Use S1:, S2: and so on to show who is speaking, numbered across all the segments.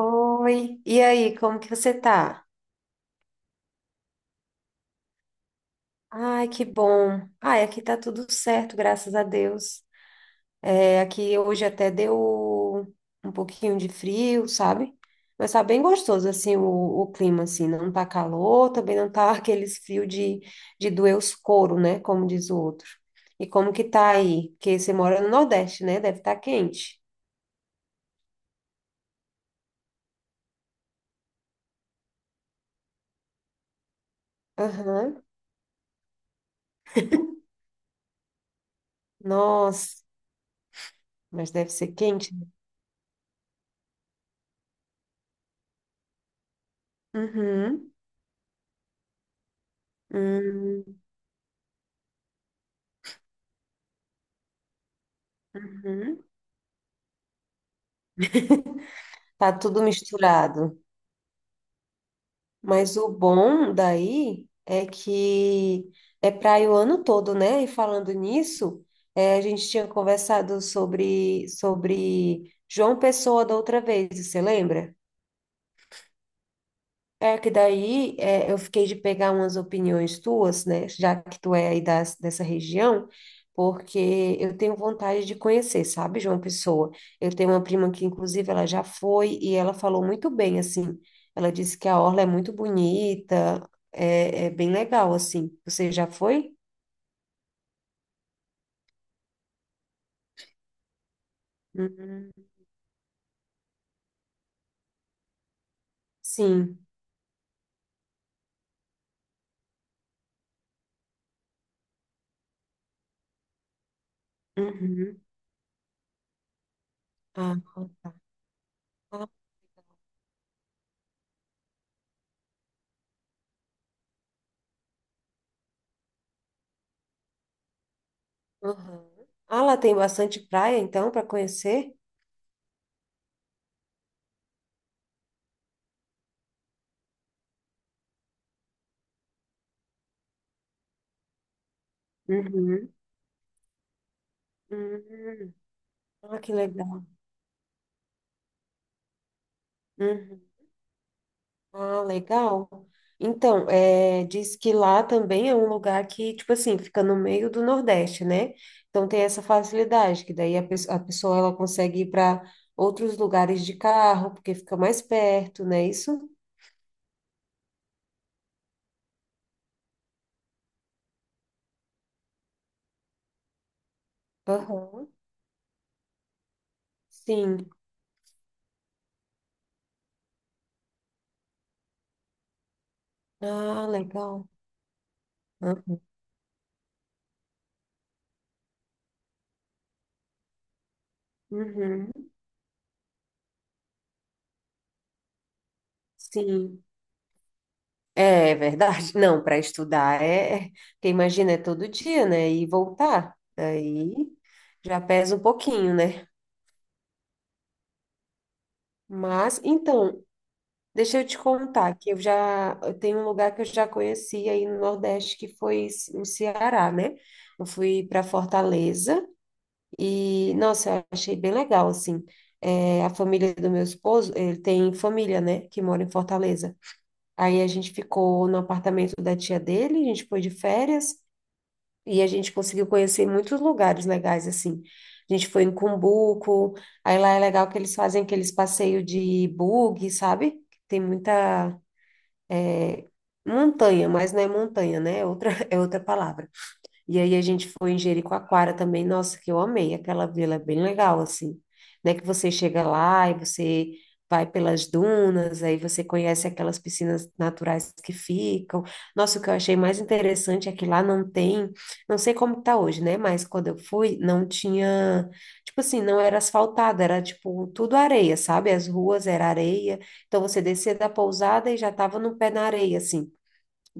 S1: Oi, e aí, como que você tá? Ai, que bom. Ai, aqui tá tudo certo, graças a Deus. É, aqui hoje até deu um pouquinho de frio, sabe? Mas tá bem gostoso, assim, o clima, assim, não tá calor, também não tá aqueles frio de doer os couro, né, como diz o outro. E como que tá aí? Porque você mora no Nordeste, né? Deve estar quente. Aham. Nossa, mas deve ser quente. Né? Uhum. Hum, uhum. Tá tudo misturado. Mas o bom daí é que é praia o ano todo, né? E falando nisso, a gente tinha conversado sobre João Pessoa da outra vez, você lembra? É que daí é, eu fiquei de pegar umas opiniões tuas, né? Já que tu é aí dessa região, porque eu tenho vontade de conhecer, sabe, João Pessoa? Eu tenho uma prima que, inclusive, ela já foi e ela falou muito bem, assim. Ela disse que a orla é muito bonita, é bem legal, assim. Você já foi? Uhum. Sim. Uhum. Ah, tá. Ah, uhum. Ah, lá tem bastante praia, então, para conhecer? Uhum. Uhum. Ah, que legal. Uhum. Ah, legal. Então, é, diz que lá também é um lugar que, tipo assim, fica no meio do Nordeste, né? Então tem essa facilidade, que daí a pessoa ela consegue ir para outros lugares de carro, porque fica mais perto, né? Isso? Aham. Sim. Ah, legal. Ah, uhum. Sim. É verdade. Não, para estudar é, porque imagina, é todo dia, né? E voltar. Aí já pesa um pouquinho, né? Mas, então, deixa eu te contar que eu tenho um lugar que eu já conheci aí no Nordeste que foi no Ceará, né? Eu fui para Fortaleza e, nossa, eu achei bem legal, assim. A família do meu esposo, ele tem família, né, que mora em Fortaleza. Aí a gente ficou no apartamento da tia dele, a gente foi de férias e a gente conseguiu conhecer muitos lugares legais, assim. A gente foi em Cumbuco, aí lá é legal que eles fazem aqueles passeios de buggy, sabe? Tem muita montanha, mas não é montanha, né? É outra, é outra palavra. E aí a gente foi em Jericoacoara também, nossa, que eu amei aquela vila, é bem legal, assim, né, que você chega lá e você vai pelas dunas, aí você conhece aquelas piscinas naturais que ficam, nossa, o que eu achei mais interessante é que lá não tem, não sei como tá hoje, né, mas quando eu fui, não tinha, tipo assim, não era asfaltado, era tipo tudo areia, sabe, as ruas era areia, então você descia da pousada e já tava no pé na areia, assim,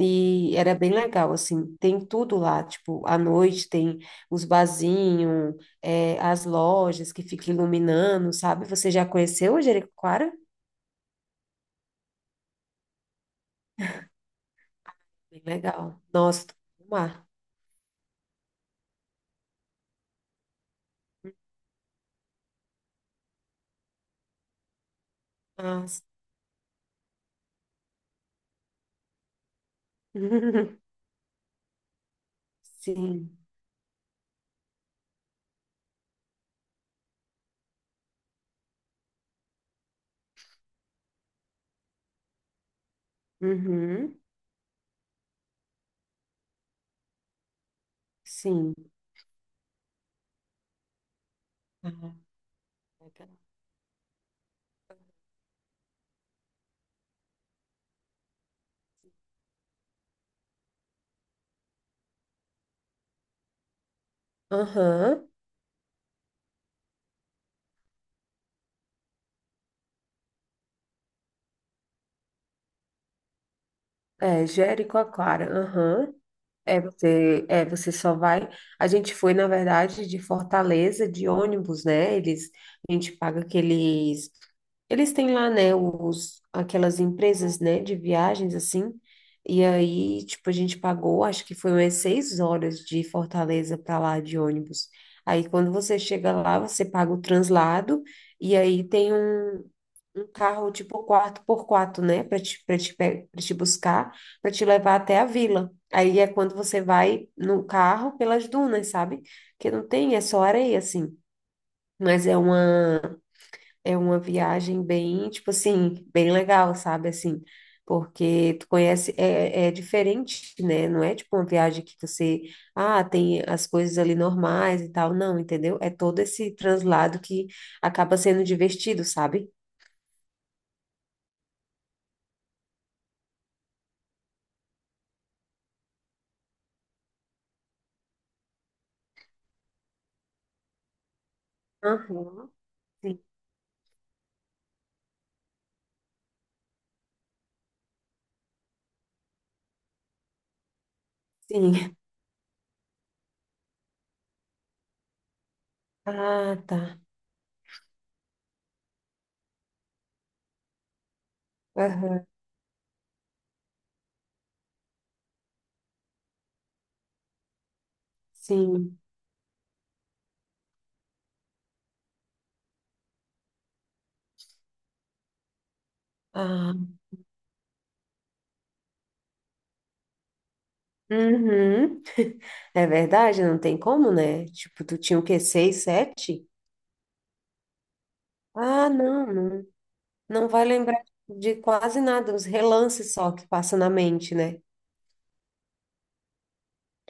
S1: e era bem legal, assim, tem tudo lá, tipo, à noite tem os barzinhos, é, as lojas que ficam iluminando, sabe? Você já conheceu o Jericoacoara? Bem legal. Nossa, tô com mar. Nossa. Sim. Uhum. Sim. Ah, legal. Aham. É, Jericoacoara. Aham. Você só vai. A gente foi, na verdade, de Fortaleza, de ônibus, né? Eles, a gente paga aqueles. Eles têm lá, né, os, aquelas empresas, né, de viagens, assim. E aí, tipo, a gente pagou, acho que foi umas 6 horas de Fortaleza para lá de ônibus. Aí, quando você chega lá, você paga o translado. E aí tem um carro tipo 4 por quatro, né? Pra te buscar, para te levar até a vila. Aí é quando você vai no carro pelas dunas, sabe? Que não tem, é só areia, assim. Mas é uma viagem bem, tipo assim, bem legal, sabe? Assim, porque tu conhece, é diferente, né? Não é tipo uma viagem que você, tem as coisas ali normais e tal. Não, entendeu? É todo esse translado que acaba sendo divertido, sabe? Aham. Sim. Ah, tá. Aham. Sim. Ah, uhum. É verdade, não tem como, né? Tipo, tu tinha o quê? Seis, sete? Ah, não, não. Não vai lembrar de quase nada, os relances só que passam na mente, né?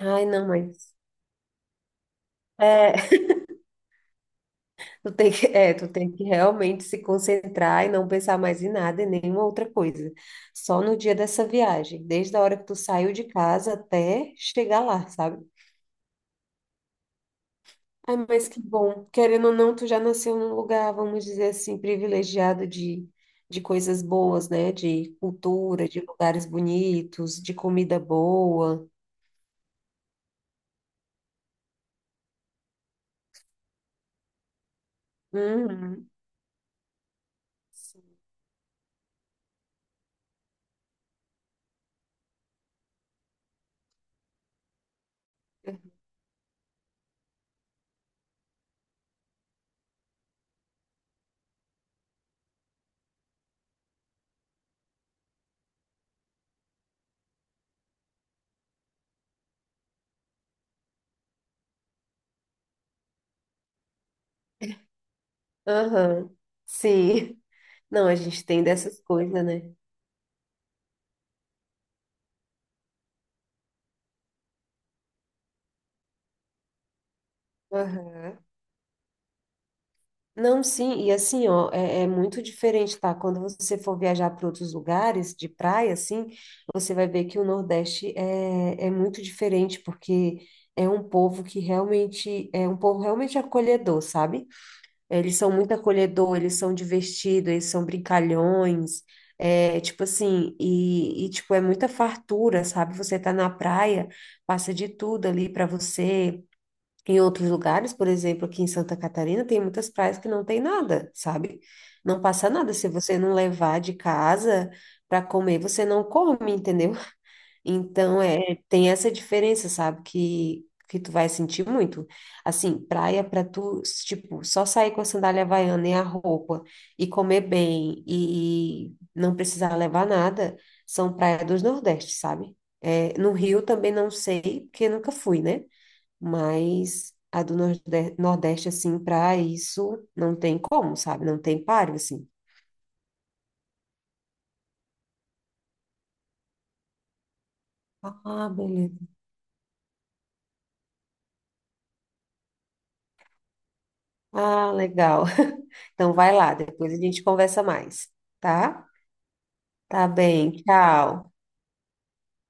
S1: Ai, não, mas. É, tu tem que realmente se concentrar e não pensar mais em nada e nenhuma outra coisa. Só no dia dessa viagem, desde a hora que tu saiu de casa até chegar lá, sabe? Ai, mas que bom. Querendo ou não, tu já nasceu num lugar, vamos dizer assim, privilegiado de coisas boas, né? De cultura, de lugares bonitos, de comida boa. Uhum. Sim. Aham. Sim. Não, a gente tem dessas coisas, né? Aham. Não, sim, e assim, ó, é muito diferente, tá? Quando você for viajar para outros lugares de praia, assim, você vai ver que o Nordeste é muito diferente, porque é um povo realmente acolhedor, sabe? Eles são muito acolhedor, eles são divertidos, eles são brincalhões, tipo assim, e, tipo, é muita fartura, sabe? Você tá na praia, passa de tudo ali para você. Em outros lugares, por exemplo, aqui em Santa Catarina, tem muitas praias que não tem nada, sabe? Não passa nada. Se você não levar de casa para comer, você não come, entendeu? Então, é, tem essa diferença, sabe? Que tu vai sentir muito. Assim, praia para tu, tipo, só sair com a sandália havaiana e a roupa e comer bem e não precisar levar nada, são praias dos Nordeste, sabe? É, no Rio também não sei, porque nunca fui, né? Mas a do Nordeste, assim, para isso não tem como, sabe? Não tem páreo, assim. Ah, beleza. Ah, legal. Então vai lá, depois a gente conversa mais, tá? Tá bem, tchau.